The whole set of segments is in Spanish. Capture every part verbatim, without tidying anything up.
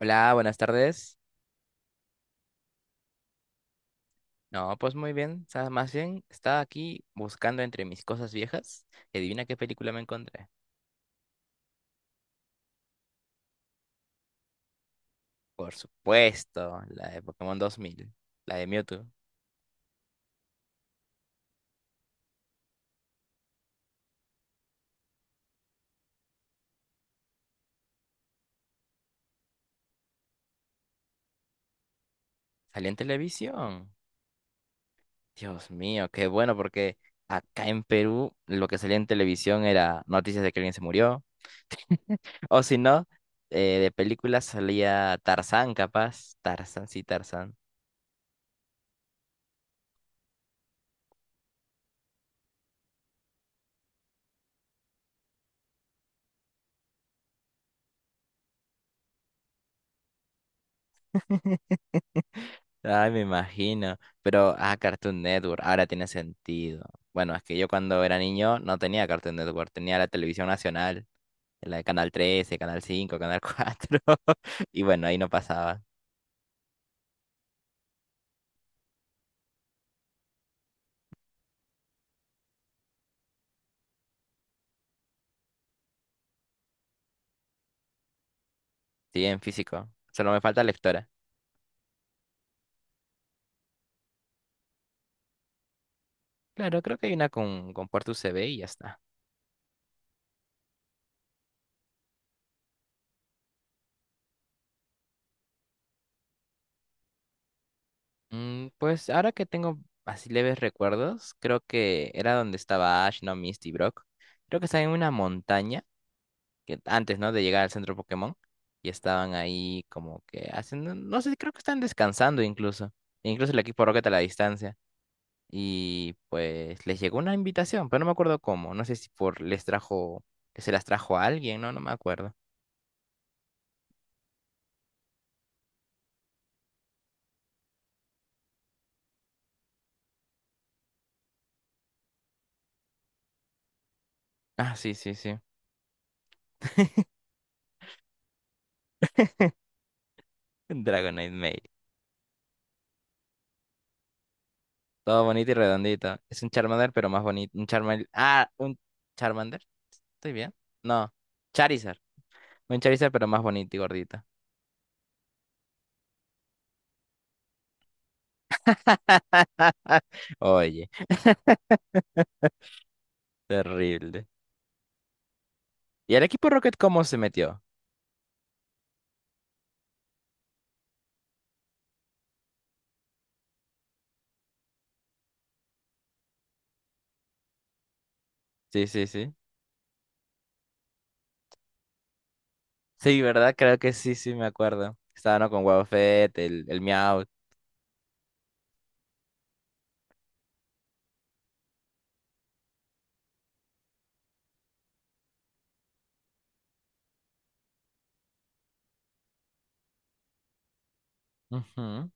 Hola, buenas tardes. No, pues muy bien. sa- Más bien, estaba aquí buscando entre mis cosas viejas y adivina qué película me encontré. Por supuesto, la de Pokémon dos mil, la de Mewtwo. Salió en televisión. Dios mío, qué bueno porque acá en Perú lo que salía en televisión era noticias de que alguien se murió. O si no, eh, de películas salía Tarzán, capaz. Tarzán, sí, Tarzán. Ay, me imagino. Pero, ah, Cartoon Network, ahora tiene sentido. Bueno, es que yo cuando era niño no tenía Cartoon Network, tenía la televisión nacional, la de Canal trece, Canal cinco, Canal cuatro. Y bueno, ahí no pasaba. Sí, en físico. Solo me falta lectora. Claro, creo que hay una con, con puerto U S B y ya está. Mm, pues ahora que tengo así leves recuerdos, creo que era donde estaba Ash, no Misty, Brock. Creo que estaba en una montaña que antes, ¿no? De llegar al centro Pokémon. Y estaban ahí como que haciendo, no sé, creo que están descansando incluso. E incluso el equipo Rocket a la distancia. Y pues les llegó una invitación, pero no me acuerdo cómo. No sé si por les trajo, se las trajo a alguien, ¿no? No me acuerdo. Ah, sí, sí, sí. Un Dragonite Mail. Todo bonito y redondito. Es un Charmander, pero más bonito. Un Charmander. Ah, un Charmander. ¿Estoy bien? No. Charizard. Un Charizard, pero más bonito y gordito. Oye, terrible. ¿Y el equipo Rocket cómo se metió? Sí, sí, sí. Sí, ¿verdad? Creo que sí, sí, me acuerdo. Estaba, ¿no? Con Wobbuffet, el, el Meowth. Ujú,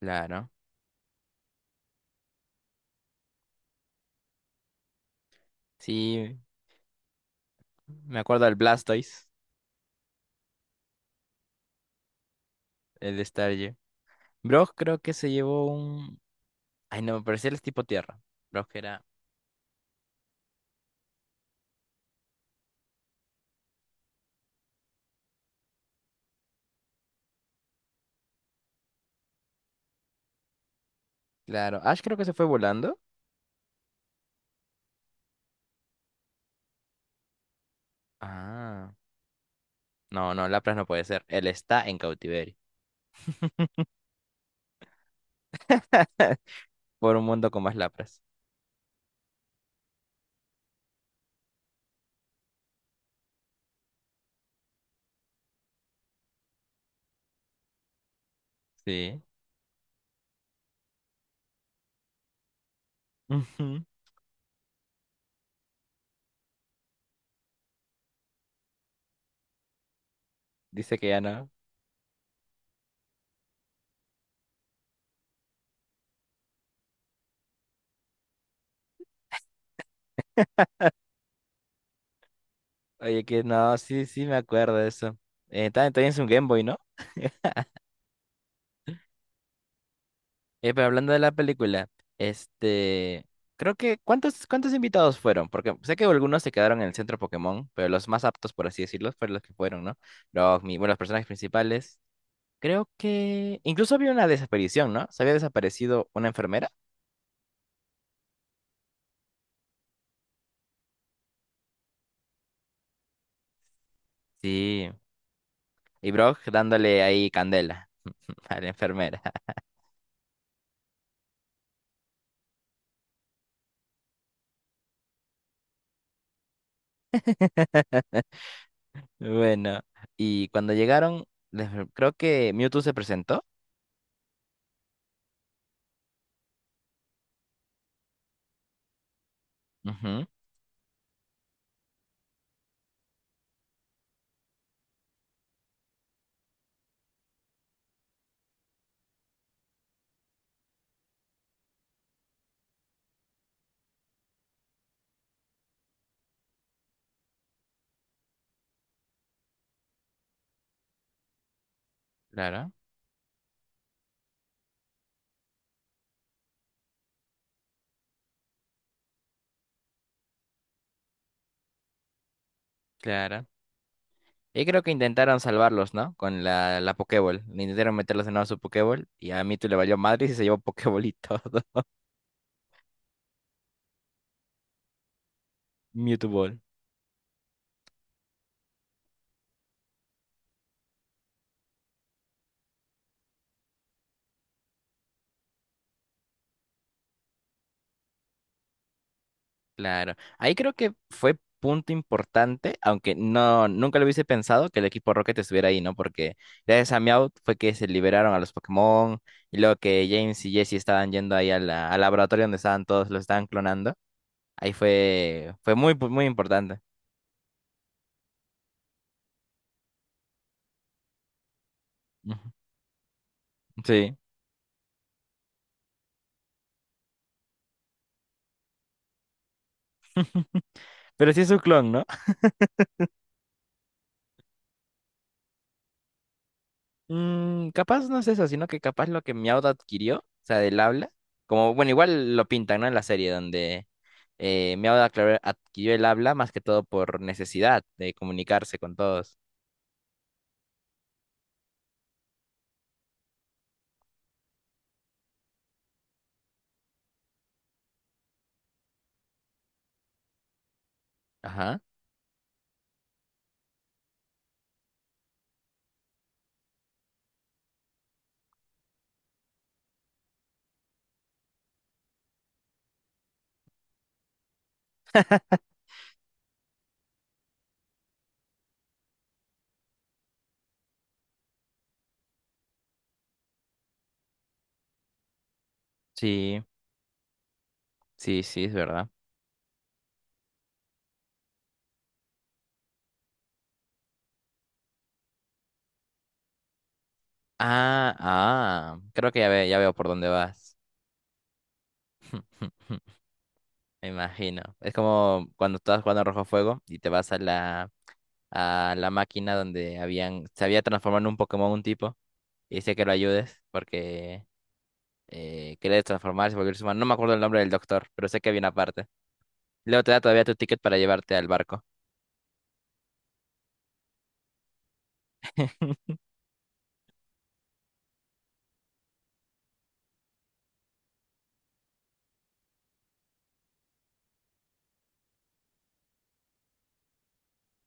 claro. Sí, me acuerdo del Blastoise, el de Staryu. Brock creo que se llevó un... Ay, no, me parecía el tipo tierra. Brock era... Claro. Ash creo que se fue volando. Ah. No, no, Lapras no puede ser. Él está en cautiverio. Por un mundo con más Lapras. Sí. Ujú. Dice que ya no. Oye, que no, sí, sí me acuerdo de eso. Eh, también, también es un Game Boy, ¿no? Eh, pero hablando de la película, este, creo que, ¿cuántos, cuántos invitados fueron? Porque sé que algunos se quedaron en el centro Pokémon, pero los más aptos, por así decirlo, fueron los que fueron, ¿no? Los, mi- bueno, los personajes principales. Creo que incluso había una desaparición, ¿no? Se había desaparecido una enfermera. Sí. Y Brock dándole ahí candela a la enfermera. Bueno, y cuando llegaron, les- creo que Mewtwo se presentó. Ujú. Claro, claro. Y creo que intentaron salvarlos, ¿no? Con la, la Pokéball. Intentaron meterlos de nuevo a su Pokéball y a Mewtwo le valió madre y se llevó Pokéball y todo. Mewtwo Ball. Claro. Ahí creo que fue punto importante, aunque no, nunca lo hubiese pensado que el equipo Rocket estuviera ahí, ¿no? Porque gracias a Meowth fue que se liberaron a los Pokémon y luego que James y Jesse estaban yendo ahí a la- al laboratorio donde estaban todos, los estaban clonando. Ahí fue, fue muy, pu- muy importante. Ujú. Sí. Pero sí es un clon, ¿no? Mm, capaz no es eso, sino que capaz lo que Meowth adquirió, o sea, del habla, como, bueno, igual lo pintan, ¿no? En la serie donde eh, Meowth aclar- adquirió el habla más que todo por necesidad de comunicarse con todos. Ajá, sí, sí, sí, es verdad. Ah, ah, creo que ya, ve- ya veo por dónde vas. Me imagino. Es como cuando estabas jugando a Rojo Fuego y te vas a la, a la máquina donde habían, se había transformado en un Pokémon un tipo y dice que lo ayudes porque... eh, que transformarse, volverse humano. No me acuerdo el nombre del doctor, pero sé que había una parte. Luego te da todavía tu ticket para llevarte al barco.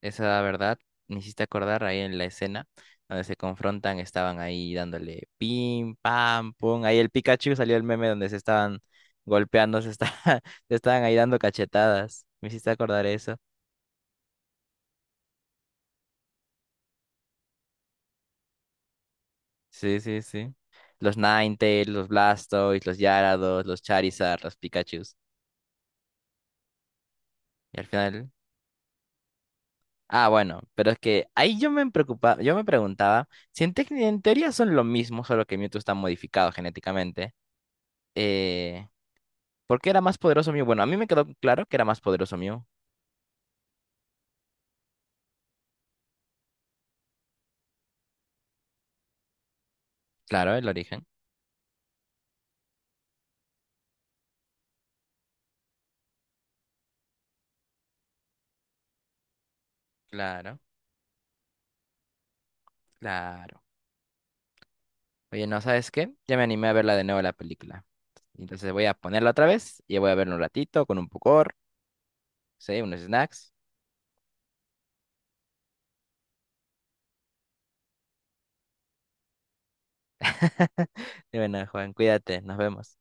Esa verdad, me hiciste acordar ahí en la escena donde se confrontan, estaban ahí dándole pim, pam, pum. Ahí el Pikachu salió el meme donde se estaban golpeando, se, esta- se estaban ahí dando cachetadas. Me hiciste acordar eso. Sí, sí, sí. Los Ninetales, los Blastoise, los Gyarados, los Charizard, los Pikachus. Y al final. Ah, bueno, pero es que ahí yo me preocupaba, yo me preguntaba si en, tec- en teoría son lo mismo, solo que Mewtwo está modificado genéticamente. Eh, ¿por qué era más poderoso Mew? Bueno, a mí me quedó claro que era más poderoso Mew. Claro, el origen. Claro, claro. Oye, ¿no sabes qué? Ya me animé a verla de nuevo la película. Entonces voy a ponerla otra vez y voy a verla un ratito con un pocor, sí, unos snacks. Y bueno, Juan, cuídate, nos vemos.